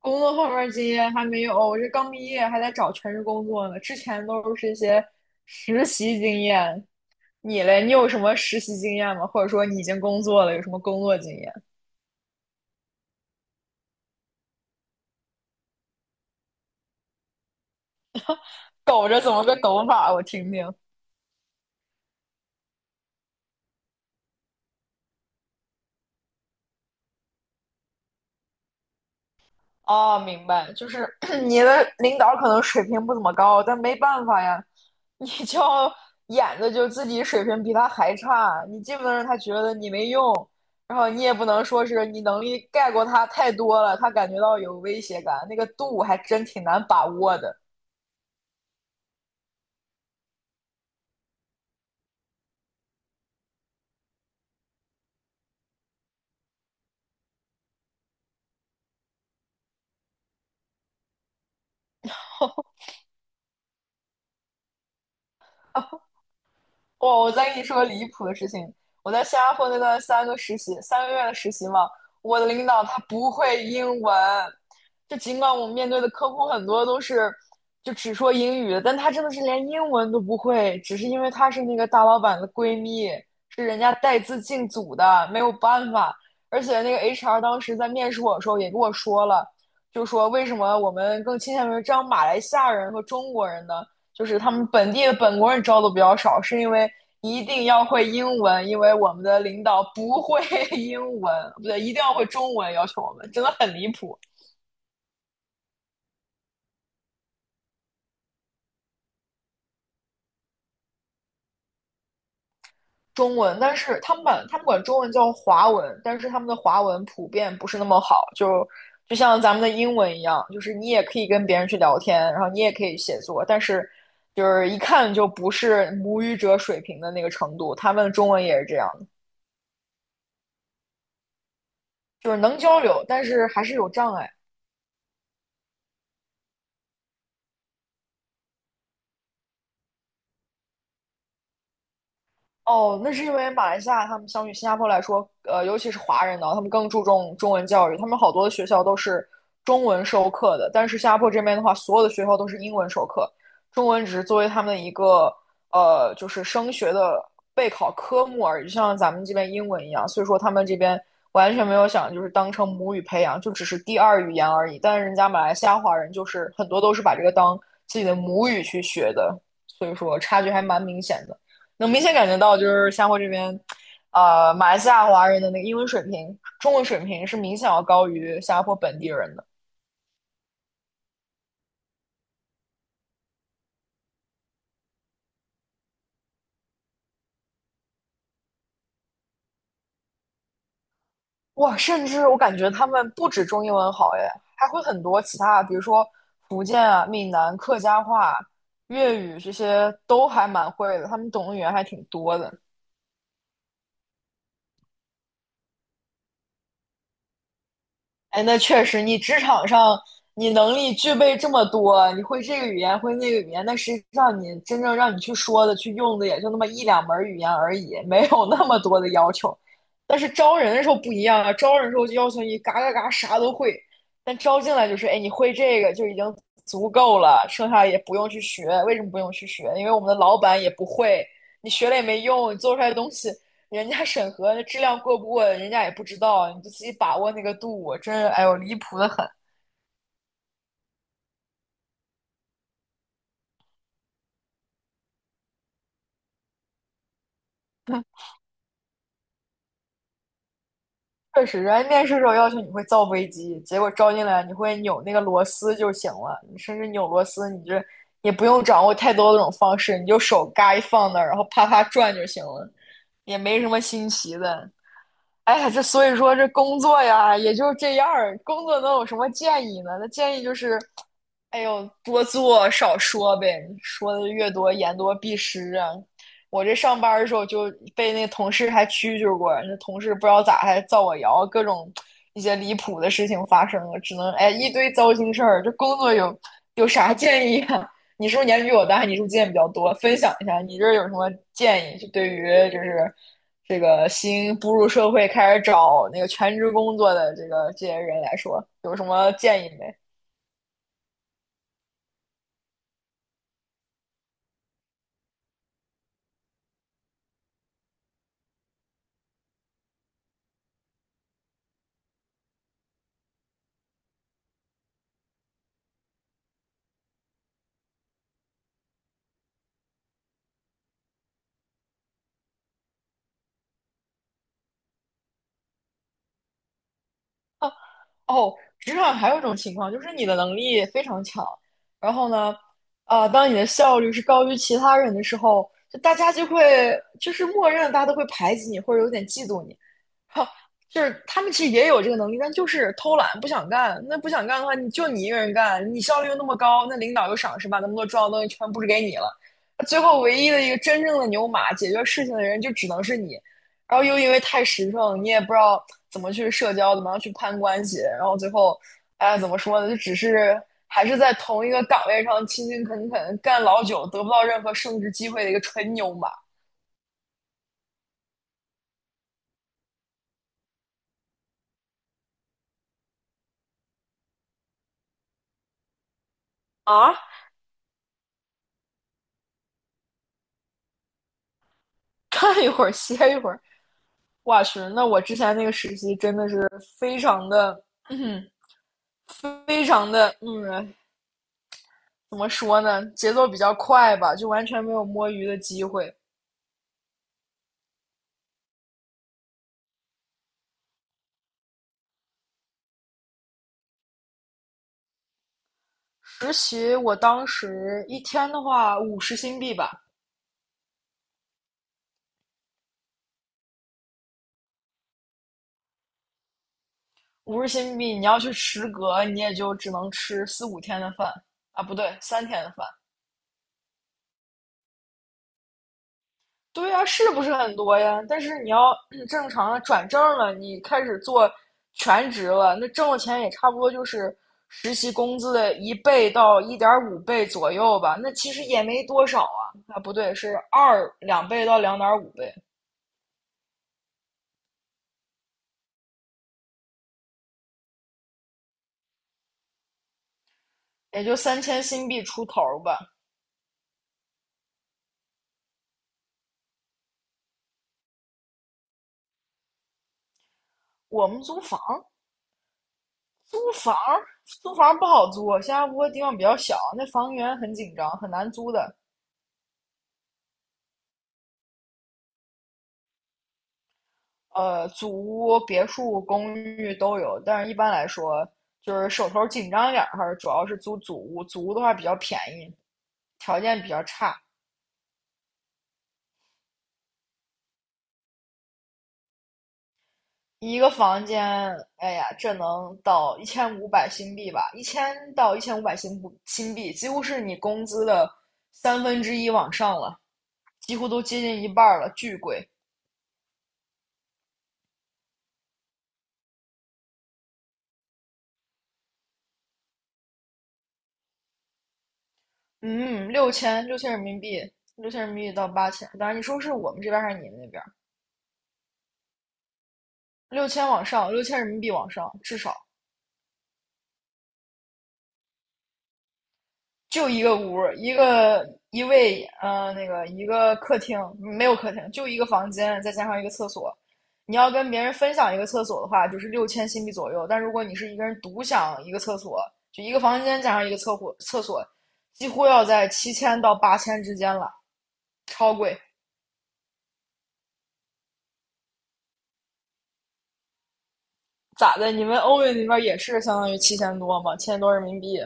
工作后面经验还没有，我这刚毕业还在找全职工作呢。之前都是一些实习经验。你嘞，你有什么实习经验吗？或者说你已经工作了，有什么工作经验？抖着怎么个抖法？我听听。哦，明白，就是 你的领导可能水平不怎么高，但没办法呀，你就演的就自己水平比他还差，你既不能让他觉得你没用，然后你也不能说是你能力盖过他太多了，他感觉到有威胁感，那个度还真挺难把握的。哇，我再跟你说个离谱的事情，我在新加坡那段三个实习，3个月的实习嘛，我的领导他不会英文，就尽管我们面对的客户很多都是就只说英语，但他真的是连英文都不会，只是因为他是那个大老板的闺蜜，是人家带资进组的，没有办法。而且那个 HR 当时在面试我的时候也跟我说了，就说为什么我们更倾向于招马来西亚人和中国人呢？就是他们本地的本国人招的比较少，是因为一定要会英文，因为我们的领导不会 英文，不对，一定要会中文，要求我们真的很离谱。中文，但是他们管中文叫华文，但是他们的华文普遍不是那么好，就就像咱们的英文一样，就是你也可以跟别人去聊天，然后你也可以写作，但是就是一看就不是母语者水平的那个程度。他们中文也是这样的，就是能交流，但是还是有障碍。哦，那是因为马来西亚他们相比新加坡来说，尤其是华人呢，他们更注重中文教育，他们好多的学校都是中文授课的，但是新加坡这边的话，所有的学校都是英文授课，中文只是作为他们的一个就是升学的备考科目而已，就像咱们这边英文一样，所以说他们这边完全没有想就是当成母语培养，就只是第二语言而已，但是人家马来西亚华人就是很多都是把这个当自己的母语去学的，所以说差距还蛮明显的。能明显感觉到，就是新加坡这边，马来西亚华人的那个英文水平、中文水平是明显要高于新加坡本地人的。哇，甚至我感觉他们不止中英文好，哎，还会很多其他，比如说福建啊、闽南、客家话、粤语这些都还蛮会的，他们懂的语言还挺多的。哎，那确实，你职场上你能力具备这么多，你会这个语言，会那个语言，但实际上你真正让你去说的、去用的也就那么一两门语言而已，没有那么多的要求。但是招人的时候不一样啊，招人的时候就要求你嘎嘎嘎啥都会，但招进来就是，哎，你会这个就已经足够了，剩下也不用去学。为什么不用去学？因为我们的老板也不会，你学了也没用，你做出来的东西人家审核质量过不过，人家也不知道，你就自己把握那个度，真是哎呦离谱的很。确实，人家面试时候要求你会造飞机，结果招进来你会扭那个螺丝就行了，你甚至扭螺丝，你就，也不用掌握太多的这种方式，你就手嘎一放那儿，然后啪啪转就行了，也没什么新奇的。哎呀，这所以说这工作呀，也就这样儿。工作能有什么建议呢？那建议就是，哎呦，多做少说呗，说的越多，言多必失啊。我这上班儿的时候就被那同事还蛐蛐过，那同事不知道咋还造我谣，各种一些离谱的事情发生了，只能哎一堆糟心事儿。这工作有啥建议啊？你是不是年龄比我大？你是不是经验比较多？分享一下，你这儿有什么建议？就对于就是这个新步入社会开始找那个全职工作的这个这些人来说，有什么建议没？啊，哦，职场还有一种情况，就是你的能力非常强，然后呢，啊，当你的效率是高于其他人的时候，就大家就会就是默认大家都会排挤你，或者有点嫉妒你。哈，就是他们其实也有这个能力，但就是偷懒不想干。那不想干的话，你就你一个人干，你效率又那么高，那领导又赏识，把那么多重要的东西全布置给你了。最后唯一的一个真正的牛马，解决事情的人就只能是你。然后又因为太实诚，你也不知道怎么去社交，怎么样去攀关系，然后最后，哎，怎么说呢？就只是还是在同一个岗位上勤勤恳恳干老久，得不到任何升职机会的一个纯牛马啊！干一会儿歇一会儿，哇去，那我之前那个实习真的是非常的，嗯，非常的，怎么说呢？节奏比较快吧，就完全没有摸鱼的机会。实习我当时一天的话五十新币吧，五十新币你要去食阁，你也就只能吃四五天的饭啊，不对，3天的饭。对呀，是不是很多呀？但是你要正常的转正了，你开始做全职了，那挣的钱也差不多就是实习工资的一倍到1.5倍左右吧。那其实也没多少啊，啊不对，是二两倍到2.5倍，也就3000新币出头儿吧。我们租房，租房，租房不好租，新加坡地方比较小，那房源很紧张，很难租的。祖屋、别墅、公寓都有，但是一般来说，就是手头紧张一点儿，还是主要是租祖屋。祖屋的话比较便宜，条件比较差，一个房间，哎呀，这能到1500新币吧？1000到1500新不新币，几乎是你工资的三分之一往上了，几乎都接近一半了，巨贵。嗯，六千，六千人民币，6000人民币到8000。当然，你说是我们这边还是你们那边？六千往上，六千人民币往上，至少就一个屋，一个一卫，那个一个客厅，没有客厅，就一个房间，再加上一个厕所。你要跟别人分享一个厕所的话，就是六千新币左右。但如果你是一个人独享一个厕所，就一个房间加上一个厕所，厕所几乎要在7000到8000之间了，超贵。咋的？你们欧元那边也是相当于七千多吗？千多人民币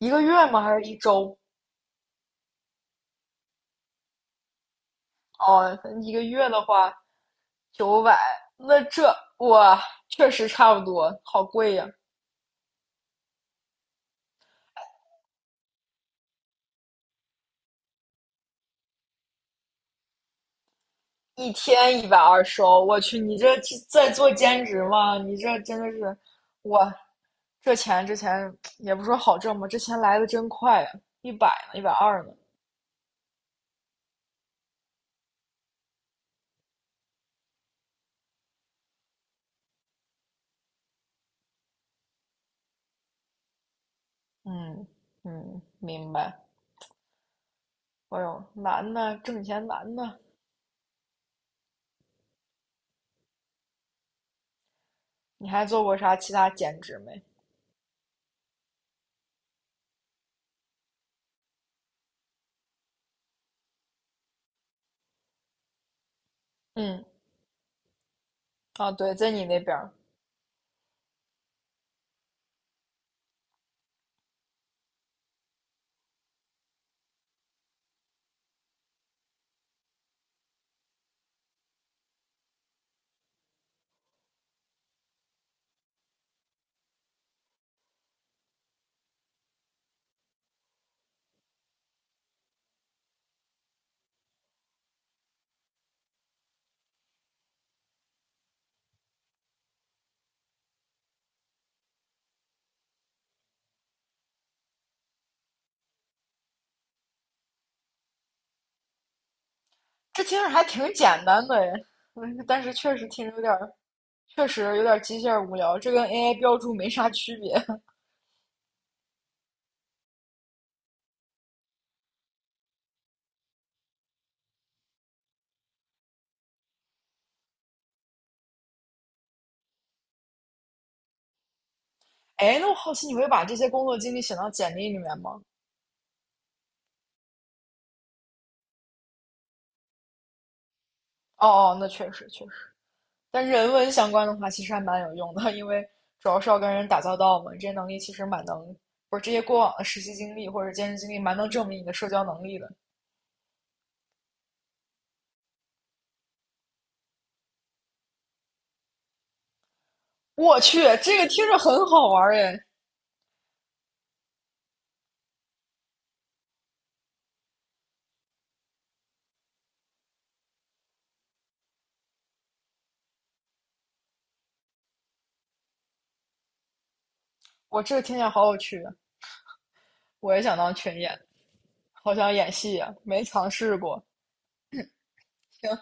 一个月吗？还是一周？哦，一个月的话。900，那这哇，确实差不多，好贵呀、一天120欧我去，你这去在做兼职吗？你这真的是，哇，这钱也不说好挣吧，这钱来的真快呀、一百呢，一百二呢，嗯嗯，明白。哎呦，难呢，挣钱难呢。你还做过啥其他兼职没？嗯，啊，对，在你那边儿，这听着还挺简单的呀，但是确实听着有点儿确实有点机械无聊，这跟 AI 标注没啥区别。哎，那我好奇你会把这些工作经历写到简历里面吗？哦哦，那确实确实，但人文相关的话其实还蛮有用的，因为主要是要跟人打交道嘛，这些能力其实蛮能，不是这些过往的实习经历或者兼职经历蛮能证明你的社交能力的。我去，这个听着很好玩儿哎，我这个听起来好有趣啊，我也想当群演，好想演戏呀、没尝试过。行，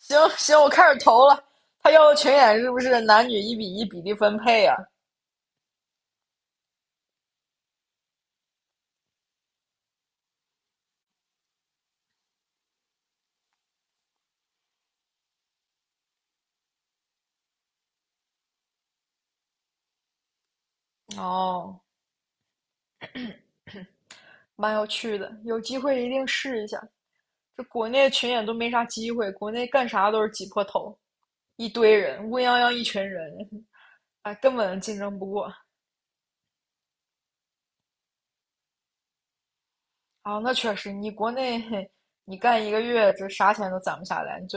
行行，我开始投了。他要的群演是不是男女1:1比例分配啊？哦，蛮有趣的，有机会一定试一下。这国内群演都没啥机会，国内干啥都是挤破头，一堆人，乌泱泱一群人，哎，根本竞争不过。啊，那确实，你国内你干一个月，这啥钱都攒不下来，你最后。